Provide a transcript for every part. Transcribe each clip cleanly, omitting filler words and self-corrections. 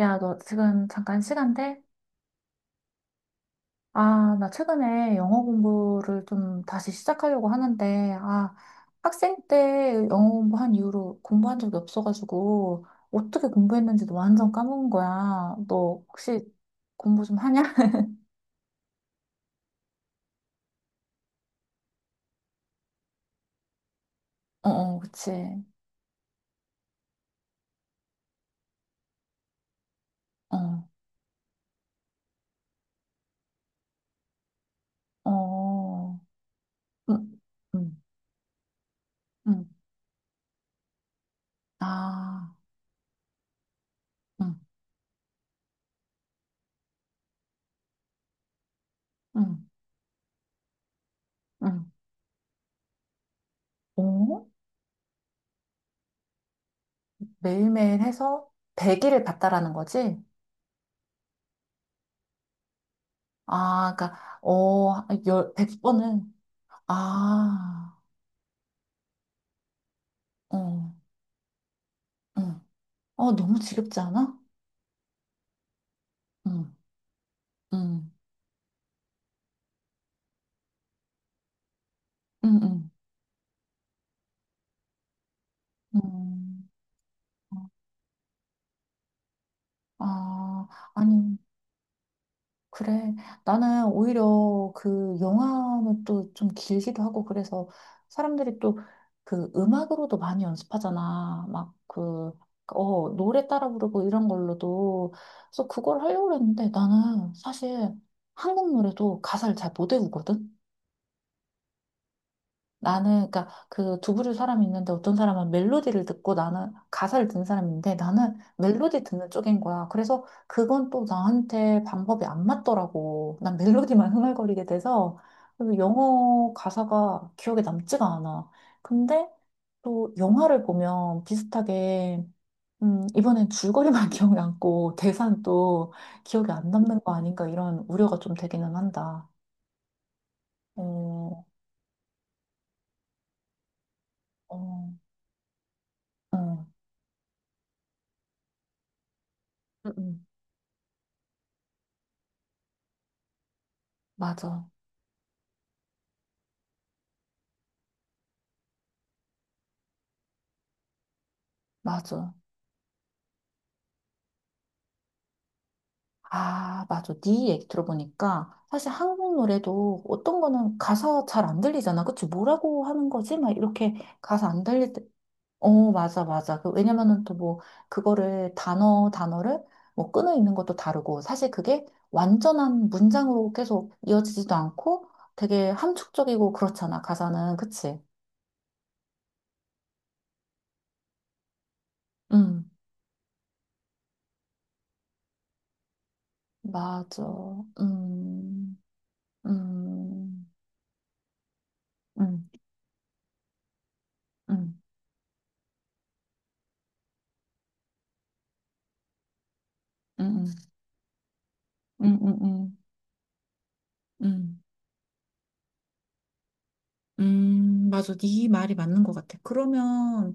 야, 너 지금 잠깐 시간 돼? 아, 나 최근에 영어 공부를 좀 다시 시작하려고 하는데, 아, 학생 때 영어 공부한 이후로 공부한 적이 없어가지고, 어떻게 공부했는지도 완전 까먹은 거야. 너 혹시 공부 좀 하냐? 어, 어, 그치. 어, 어, 응, 응, 응. 아, 응, 응, 응. 오? 매일매일 해서 100일을 봤다라는 거지? 아, 그러니까 어, 열, 100번은 아, 어, 응. 어, 너무 지겹지 않아? 응, 응, 응, 응. 음. 아, 아니, 그래. 나는 오히려 그 영화는 또 좀 길기도 하고 그래서 사람들이 또 그 음악으로도 많이 연습하잖아. 막 그, 어, 노래 따라 부르고 이런 걸로도. 그래서 그걸 하려고 했는데 나는 사실 한국 노래도 가사를 잘 못 외우거든? 나는 그러니까 그 두 부류 사람이 있는데 어떤 사람은 멜로디를 듣고 나는 가사를 듣는 사람인데 나는 멜로디 듣는 쪽인 거야. 그래서 그건 또 나한테 방법이 안 맞더라고. 난 멜로디만 흥얼거리게 돼서 그리고 영어 가사가 기억에 남지가 않아. 근데 또 영화를 보면 비슷하게 이번엔 줄거리만 기억이 남고 대사는 또 기억이 안 남는 거 아닌가 이런 우려가 좀 되기는 한다. 어, 어, 어, 음, 음. 맞아. 맞아. 아, 맞아. 네 얘기 들어보니까 사실 한국 노래도 어떤 거는 가사 잘 안 들리잖아. 그치? 뭐라고 하는 거지? 막 이렇게 가사 안 들릴 때. 어, 맞아, 맞아. 그, 왜냐면은 또 뭐, 그거를 단어를 뭐 끊어 있는 것도 다르고, 사실 그게 완전한 문장으로 계속 이어지지도 않고 되게 함축적이고 그렇잖아. 가사는. 그치? 음, 맞아. 음, 음, 음, 음, 음, 음, 음, 음, 음. 음. 맞아. 네 말이 맞는 것 같아. 그러면,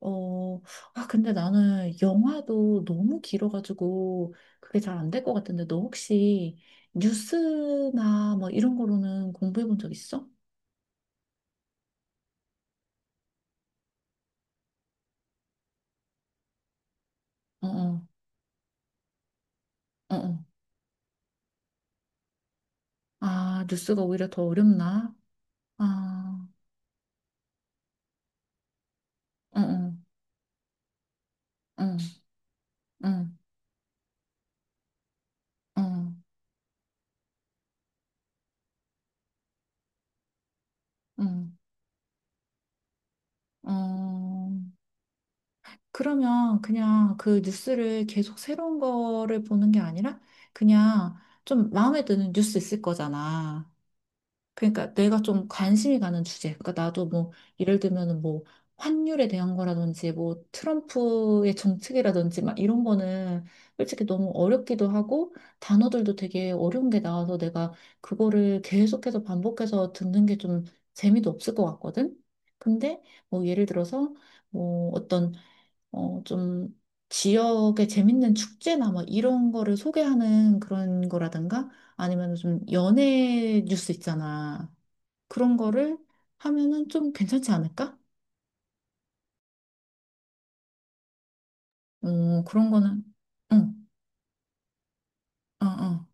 어, 아, 근데 나는 영화도 너무 길어가지고 그게 잘 안 될 것 같은데, 너 혹시 뉴스나 뭐 이런 거로는 공부해 본 적 있어? 어, 어, 어, 어. 아, 뉴스가 오히려 더 어렵나? 아, 어, 어, 어, 어, 어, 어, 어. 그러면 그냥 그 뉴스를 계속 새로운 거를 보는 게 아니라 그냥 좀 마음에 드는 뉴스 있을 거잖아. 그러니까 내가 좀 관심이 가는 주제. 그러니까 나도 뭐 예를 들면은 뭐 환율에 대한 거라든지 뭐 트럼프의 정책이라든지 막 이런 거는 솔직히 너무 어렵기도 하고 단어들도 되게 어려운 게 나와서 내가 그거를 계속해서 반복해서 듣는 게 좀 재미도 없을 것 같거든. 근데 뭐 예를 들어서 뭐 어떤 어, 좀 지역의 재밌는 축제나 뭐 이런 거를 소개하는 그런 거라든가 아니면 좀 연예 뉴스 있잖아. 그런 거를 하면은 좀 괜찮지 않을까? 어, 그런 거는, 응, 어, 어,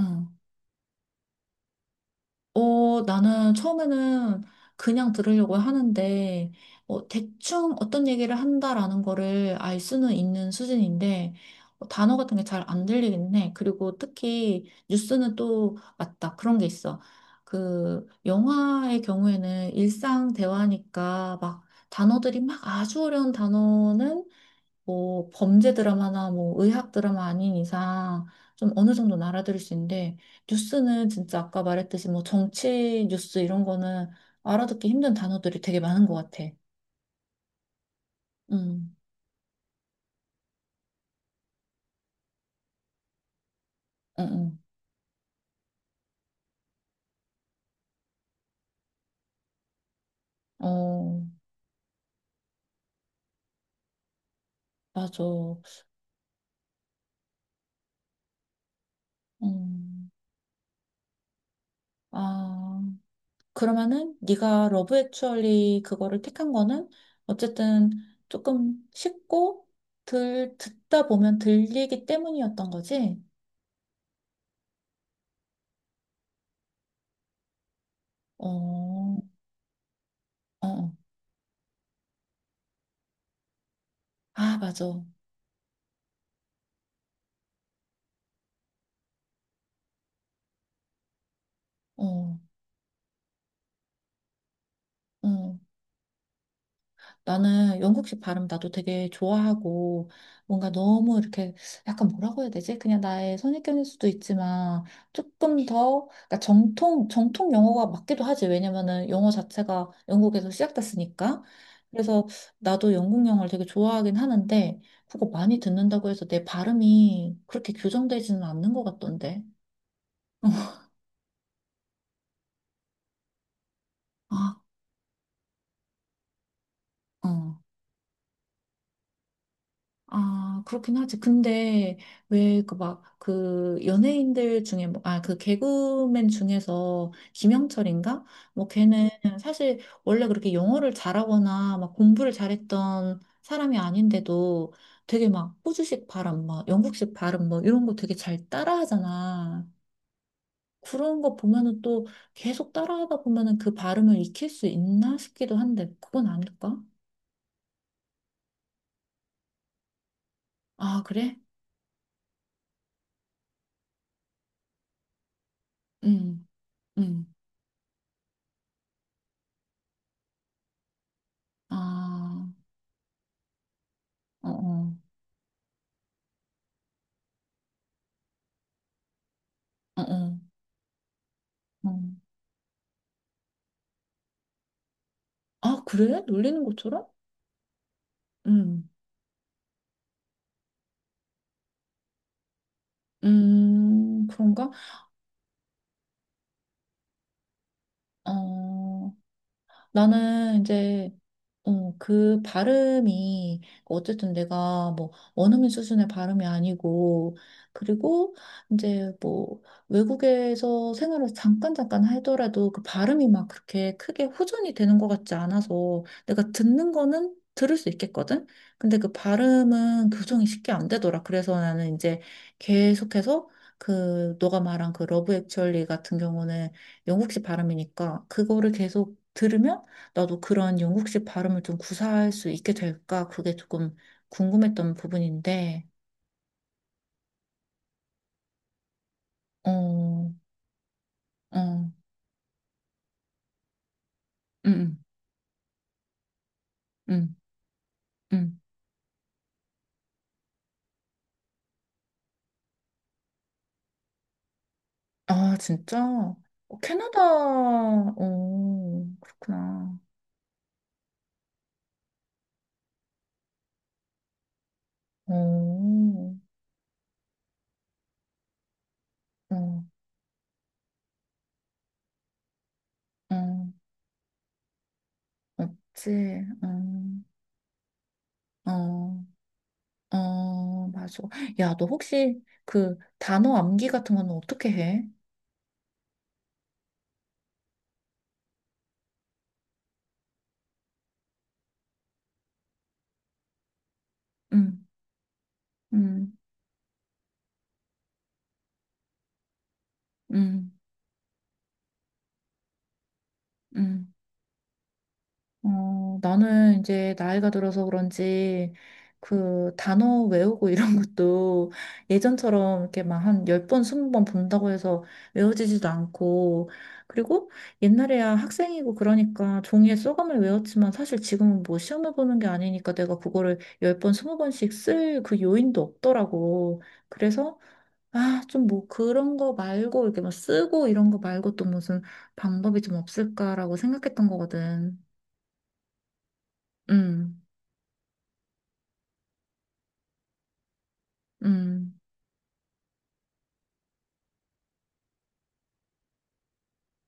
어. 어, 나는 처음에는 그냥 들으려고 하는데, 어, 대충 어떤 얘기를 한다라는 거를 알 수는 있는 수준인데, 어, 단어 같은 게 잘 안 들리긴 해. 그리고 특히 뉴스는 또 맞다. 그런 게 있어. 그, 영화의 경우에는 일상 대화니까 막 단어들이 막 아주 어려운 단어는 뭐 범죄 드라마나 뭐 의학 드라마 아닌 이상 좀 어느 정도 는 알아들을 수 있는데 뉴스는 진짜 아까 말했듯이 뭐 정치 뉴스 이런 거는 알아듣기 힘든 단어들이 되게 많은 것 같아. 음, 음, 음. 어, 맞아. 음, 아, 그러면은 네가 러브 액츄얼리 그거를 택한 거는 어쨌든 조금 쉽고 들 듣다 보면 들리기 때문이었던 거지. 어, 어. 어. 아, 맞아. 어, 어. 나는 영국식 발음 나도 되게 좋아하고 뭔가 너무 이렇게 약간 뭐라고 해야 되지? 그냥 나의 선입견일 수도 있지만 조금 더 그러니까 정통 정통 영어가 맞기도 하지. 왜냐면은 영어 자체가 영국에서 시작됐으니까. 그래서 나도 영국 영어를 되게 좋아하긴 하는데 그거 많이 듣는다고 해서 내 발음이 그렇게 교정되지는 않는 것 같던데. 아, 어. 아, 그렇긴 하지. 근데 왜 그 막 그 연예인들 중에 뭐, 아, 그 개그맨 중에서 김영철인가? 뭐 걔는 사실 원래 그렇게 영어를 잘하거나 막 공부를 잘했던 사람이 아닌데도 되게 막 호주식 발음, 막 영국식 발음 뭐 이런 거 되게 잘 따라하잖아. 그런 거 보면은 또 계속 따라하다 보면은 그 발음을 익힐 수 있나 싶기도 한데 그건 아닐까? 아, 그래? 응, 응. 아, 어어. 어, 어, 어. 아, 그래? 놀리는 것처럼? 음, 그런가? 어, 나는 이제 어, 그 발음이, 어쨌든 내가 뭐, 원어민 수준의 발음이 아니고, 그리고 이제 뭐, 외국에서 생활을 잠깐 잠깐 하더라도 그 발음이 막 그렇게 크게 호전이 되는 것 같지 않아서 내가 듣는 거는 들을 수 있겠거든? 근데 그 발음은 교정이 쉽게 안 되더라. 그래서 나는 이제 계속해서 그, 너가 말한 그 러브 액츄얼리 같은 경우는 영국식 발음이니까 그거를 계속 들으면 나도 그런 영국식 발음을 좀 구사할 수 있게 될까? 그게 조금 궁금했던 부분인데, 어, 어, 음, 음, 음. 아, 진짜? 어, 캐나다, 어, 그렇구나. 어, 어, 어, 없지, 어, 어, 어, 맞아. 야, 너 혹시 그 단어 암기 같은 거는 어떻게 해? 음, 음, 음, 음. 어, 나는 이제 나이가 들어서 그런지 그 단어 외우고 이런 것도 예전처럼 이렇게 막 한 10번, 20번 본다고 해서 외워지지도 않고 그리고 옛날에야 학생이고 그러니까 종이에 소감을 외웠지만 사실 지금은 뭐 시험을 보는 게 아니니까 내가 그거를 10번, 20번씩 쓸 그 요인도 없더라고. 그래서 아, 좀 뭐 그런 거 말고 이렇게 막 쓰고 이런 거 말고 또 무슨 방법이 좀 없을까라고 생각했던 거거든. 음. 음,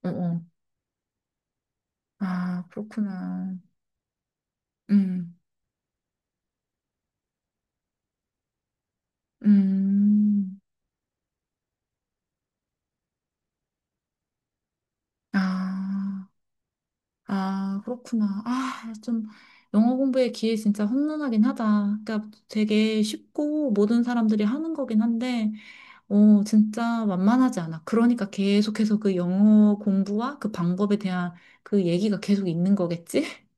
어, 어. 아, 그렇구나. 음, 음, 아, 아, 그렇구나. 아, 좀, 영어 공부의 기회 진짜 혼돈하긴 하다. 그러니까 되게 쉽고 모든 사람들이 하는 거긴 한데, 어, 진짜 만만하지 않아. 그러니까 계속해서 그 영어 공부와 그 방법에 대한 그 얘기가 계속 있는 거겠지?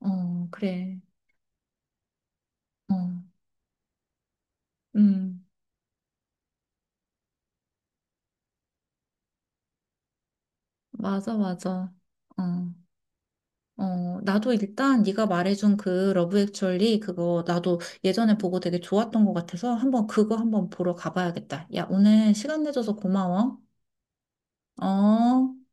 어, 그래. 어, 음, 맞아, 맞아. 어. 어, 나도 일단 네가 말해준 그 러브 액츄얼리 그거 나도 예전에 보고 되게 좋았던 것 같아서 한번 그거 한번 보러 가봐야겠다. 야, 오늘 시간 내줘서 고마워. 어.